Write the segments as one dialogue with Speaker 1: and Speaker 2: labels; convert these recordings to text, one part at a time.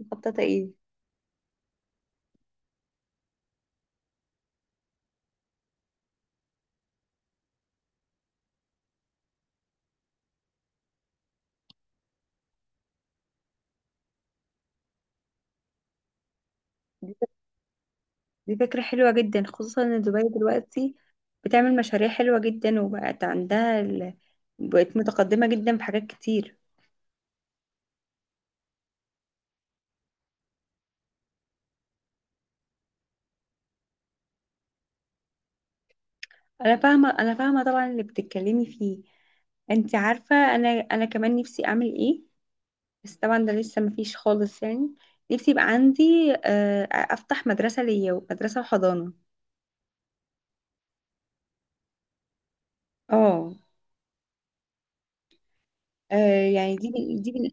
Speaker 1: مخططة ايه؟ دي دي فكرة حلوة جدا، خصوصا ان دبي دلوقتي بتعمل مشاريع حلوة جدا وبقت عندها بقت متقدمة جدا في حاجات كتير. انا فاهمة طبعا اللي بتتكلمي فيه. انت عارفة، انا كمان نفسي اعمل ايه. بس طبعا ده لسه مفيش خالص يعني. نفسي يبقى عندي، افتح مدرسة، ليا مدرسة وحضانة. اه. آه. يعني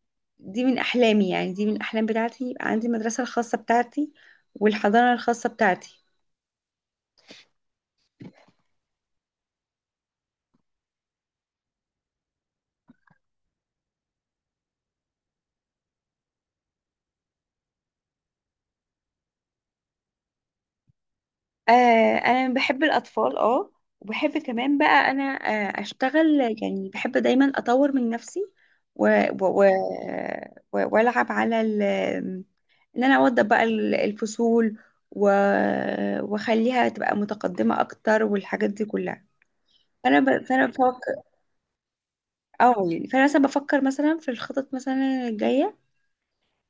Speaker 1: دي من أحلامي، يعني دي من الأحلام بتاعتي، يبقى عندي المدرسة الخاصة بتاعتي والحضانة الخاصة بتاعتي. آه. أنا بحب الأطفال، اه. وبحب كمان بقى أنا أشتغل. يعني بحب دايما أطور من نفسي، و... و... و... وألعب على إن أنا أوضب بقى الفصول، و... وأخليها تبقى متقدمة أكتر، والحاجات دي كلها. فأنا بفكر. أو يعني فأنا مثلا بفكر، مثلا في الخطط مثلا الجاية،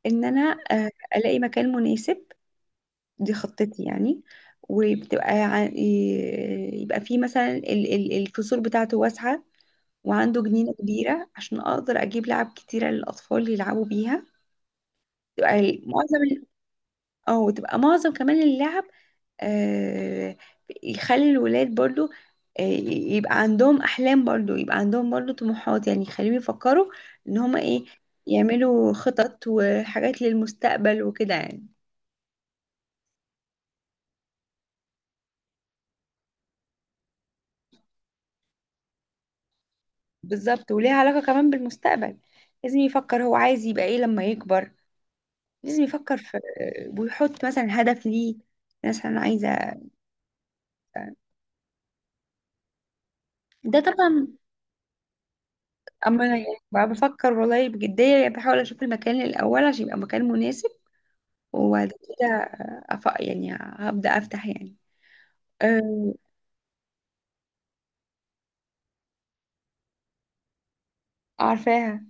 Speaker 1: ان انا الاقي مكان مناسب. دي خطتي يعني. وبتبقى يبقى فيه مثلا الفصول بتاعته واسعة، وعنده جنينة كبيرة عشان اقدر اجيب لعب كتيرة للاطفال يلعبوا بيها. تبقى ال- معظم ال- اه تبقى معظم كمان اللعب، آه، يخلي الولاد برضو، يبقى عندهم احلام برضو، يبقى عندهم برضو طموحات، يعني يخليهم يفكروا ان هما ايه يعملوا خطط وحاجات للمستقبل وكده يعني. بالظبط، وليها علاقة كمان بالمستقبل. لازم يفكر هو عايز يبقى ايه لما يكبر، لازم يفكر في، ويحط مثلا هدف ليه، مثلا عايزة. ده طبعا. اما انا يعني بقى بفكر والله بجدية، يعني بحاول اشوف المكان الاول عشان يبقى مكان مناسب. وبعد كده يعني هبدأ افتح يعني أه... عارفاها.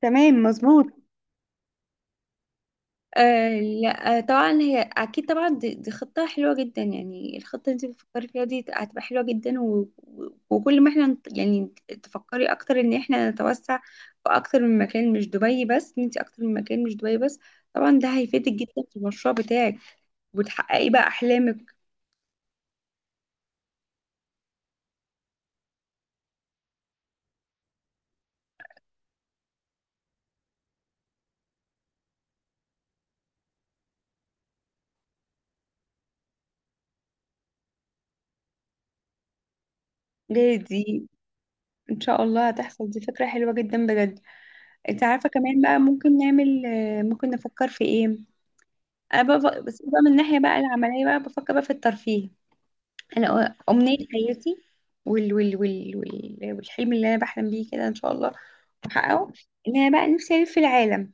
Speaker 1: تمام مظبوط. آه. لا. آه، طبعا هي اكيد طبعا. دي خطه حلوه جدا. يعني الخطه اللي انت بتفكري فيها دي هتبقى حلوه جدا، وكل ما احنا يعني تفكري اكتر ان احنا نتوسع في اكتر من مكان مش دبي بس، ان انت اكتر من مكان مش دبي بس. طبعا ده هيفيدك جدا في المشروع بتاعك وتحققي بقى احلامك. دي ان شاء الله هتحصل. دي فكره حلوه جدا بجد. انت عارفه كمان بقى، ممكن نعمل، ممكن نفكر في ايه. انا بقى بس بقى من الناحيه بقى العمليه بقى بفكر بقى في الترفيه. انا امنيه حياتي، والحلم اللي انا بحلم بيه كده ان شاء الله واحققه، ان انا بقى نفسي الف العالم.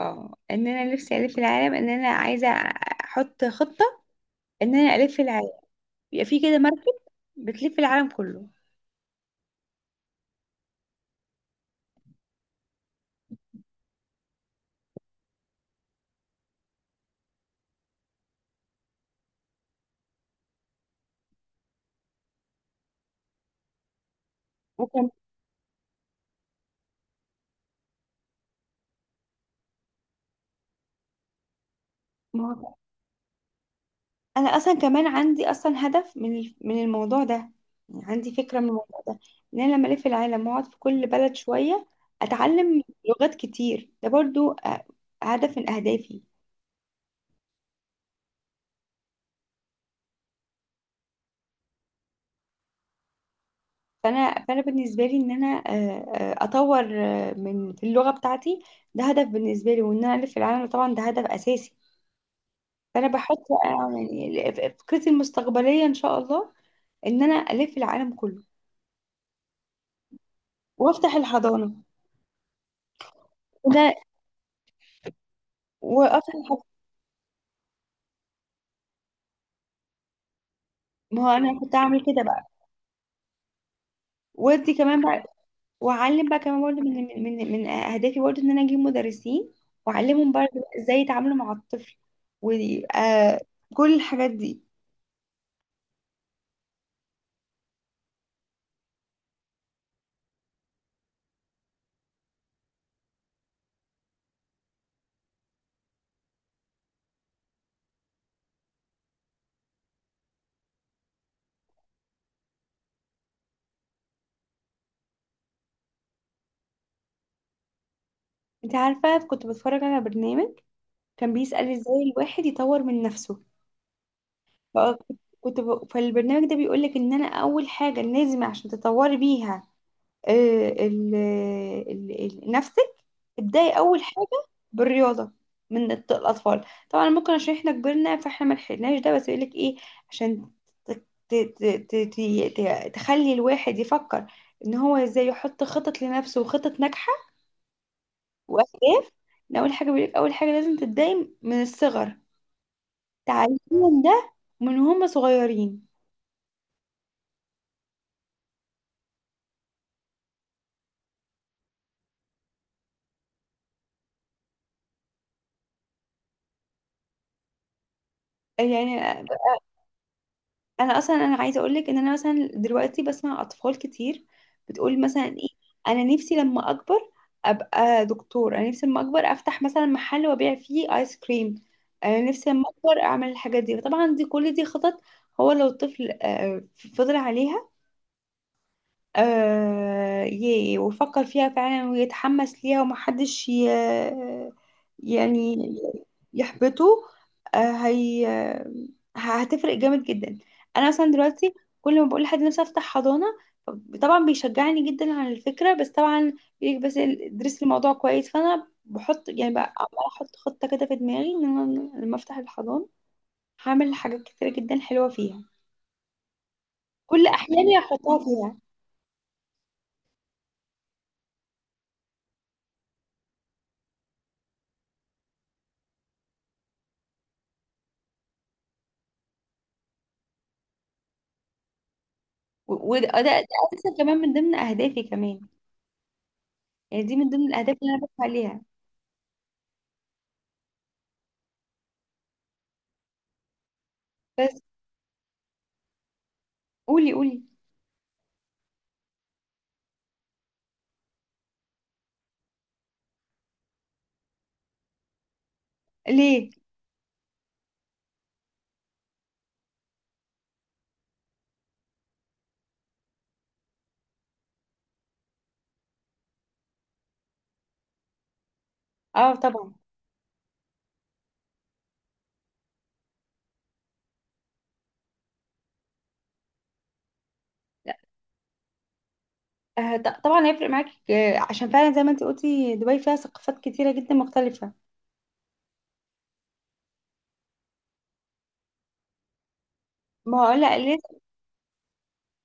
Speaker 1: اه ان انا نفسي الف العالم، ان انا عايزه احط خطه ان انا الف العالم، يبقى في كده مركب بتلف العالم كله. وكم ما هو انا اصلا كمان عندي اصلا هدف من الموضوع ده، يعني عندي فكره من الموضوع ده. ان انا لما الف العالم واقعد في كل بلد شويه اتعلم لغات كتير، ده برضو هدف من اهدافي. فانا بالنسبه لي ان انا، اطور، من في اللغه بتاعتي، ده هدف بالنسبه لي. وان انا الف العالم طبعا ده هدف اساسي. فانا بحط بقى، يعني فكرتي المستقبليه ان شاء الله ان انا الف العالم كله وافتح الحضانه وده وافتح الحضانه. ما هو انا كنت اعمل كده بقى، ودي كمان بقى. واعلم بقى كمان برضه من اهدافي برضه، ان انا اجيب مدرسين واعلمهم برضه ازاي يتعاملوا مع الطفل وكل الحاجات دي. انت عارفه، كنت بتفرج على برنامج كان بيسأل ازاي الواحد يطور من نفسه. فالبرنامج ده بيقولك ان انا اول حاجة لازم عشان تطوري بيها، آه، ال... ال... نفسك. ابدأي اول حاجة بالرياضة، من الاطفال طبعا ممكن، عشان احنا كبرنا فاحنا ما لحقناش ده. بس يقولك ايه، عشان ت... ت... ت... تخلي الواحد يفكر ان هو ازاي يحط خطط لنفسه وخطط ناجحة واهداف. إن اول حاجة بيقولك، اول حاجة لازم تبدأي من الصغر تعليمهم ده، من هم صغيرين. يعني انا اصلا انا عايزه اقول لك ان انا مثلا دلوقتي بسمع اطفال كتير بتقول مثلا ايه. انا نفسي لما اكبر ابقى دكتور، انا نفسي لما اكبر افتح مثلا محل وابيع فيه ايس كريم، انا نفسي لما اكبر اعمل الحاجات دي. طبعا دي كل دي خطط. هو لو الطفل فضل عليها، ويفكر فيها فعلا ويتحمس ليها ومحدش يعني يحبطه، آه هي هتفرق جامد جدا. انا مثلا دلوقتي كل ما بقول لحد نفسي افتح حضانة، طبعا بيشجعني جدا على الفكرة. بس طبعا بيقولك بس ادرس الموضوع كويس، فانا بحط يعني بقى عمالة احط خطة كده في دماغي ان انا لما افتح الحضانة هعمل حاجات كتيرة جدا حلوة فيها، كل احلامي هحطها فيها. و- وده ده ده اساسا كمان من ضمن اهدافي كمان، يعني دي من ضمن الاهداف اللي انا بسعى ليها. بس قولي قولي. ليه؟ اه طبعا. لا، طبعا هيفرق معاكي، عشان فعلا زي ما انت قلتي دبي فيها ثقافات كتيره جدا مختلفه. ما هو لا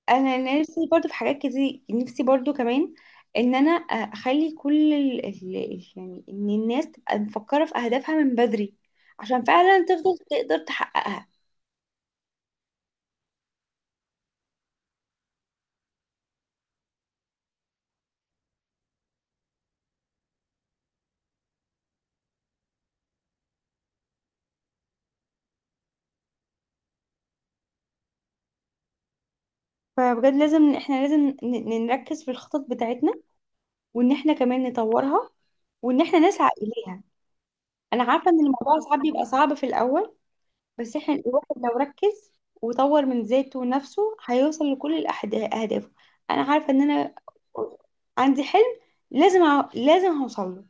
Speaker 1: انا نفسي برضو في حاجات كتير، نفسي برضو كمان، ان انا اخلي كل يعني ان الناس تبقى مفكره في اهدافها من بدري، عشان فعلا تفضل تقدر تحققها. فبجد لازم احنا، لازم نركز في الخطط بتاعتنا، وان احنا كمان نطورها، وان احنا نسعى اليها. انا عارفه ان الموضوع ساعات بيبقى صعب في الاول، بس احنا الواحد لو ركز وطور من ذاته ونفسه هيوصل لكل اهدافه. انا عارفه ان انا عندي حلم، لازم لازم هوصل له.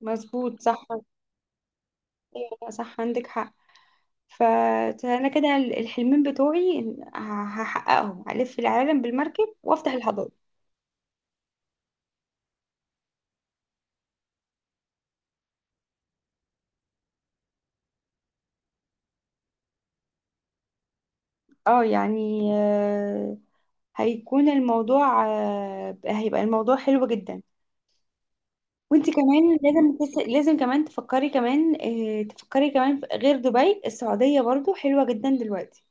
Speaker 1: مظبوط صح. أيوة، صح عندك حق. ف- فانا كده الحلمين بتوعي هحققهم: الف العالم بالمركب وافتح الحضاره. اه يعني هيكون الموضوع آه، هيبقى الموضوع حلو جدا. وانت كمان لازم لازم كمان تفكري كمان غير دبي، السعودية برضو حلوة جدا دلوقتي.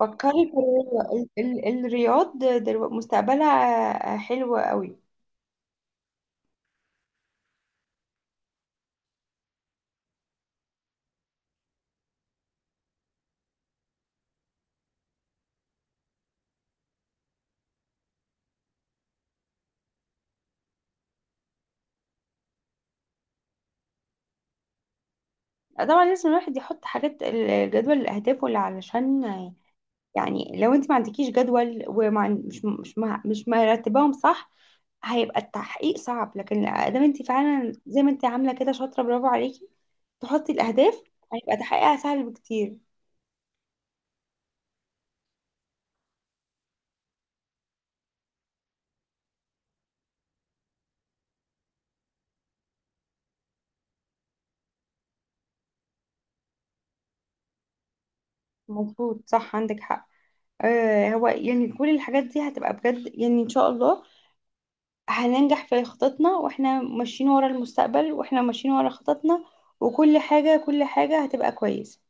Speaker 1: فكري في الرياض، مستقبلها حلو قوي. طبعا لازم الواحد يحط حاجات الجدول الأهداف واللي علشان، يعني لو انت ما عندكيش جدول ومش مش مش مش مرتباهم صح، هيبقى التحقيق صعب. لكن ادام انت فعلا زي ما انت عامله كده شاطره، برافو عليكي تحطي الاهداف، هيبقى تحقيقها سهل بكتير. مظبوط صح عندك حق. هو يعني كل الحاجات دي هتبقى بجد يعني ان شاء الله هننجح في خططنا، واحنا ماشيين ورا المستقبل، واحنا ماشيين ورا خططنا، وكل حاجه كل حاجه هتبقى كويسه.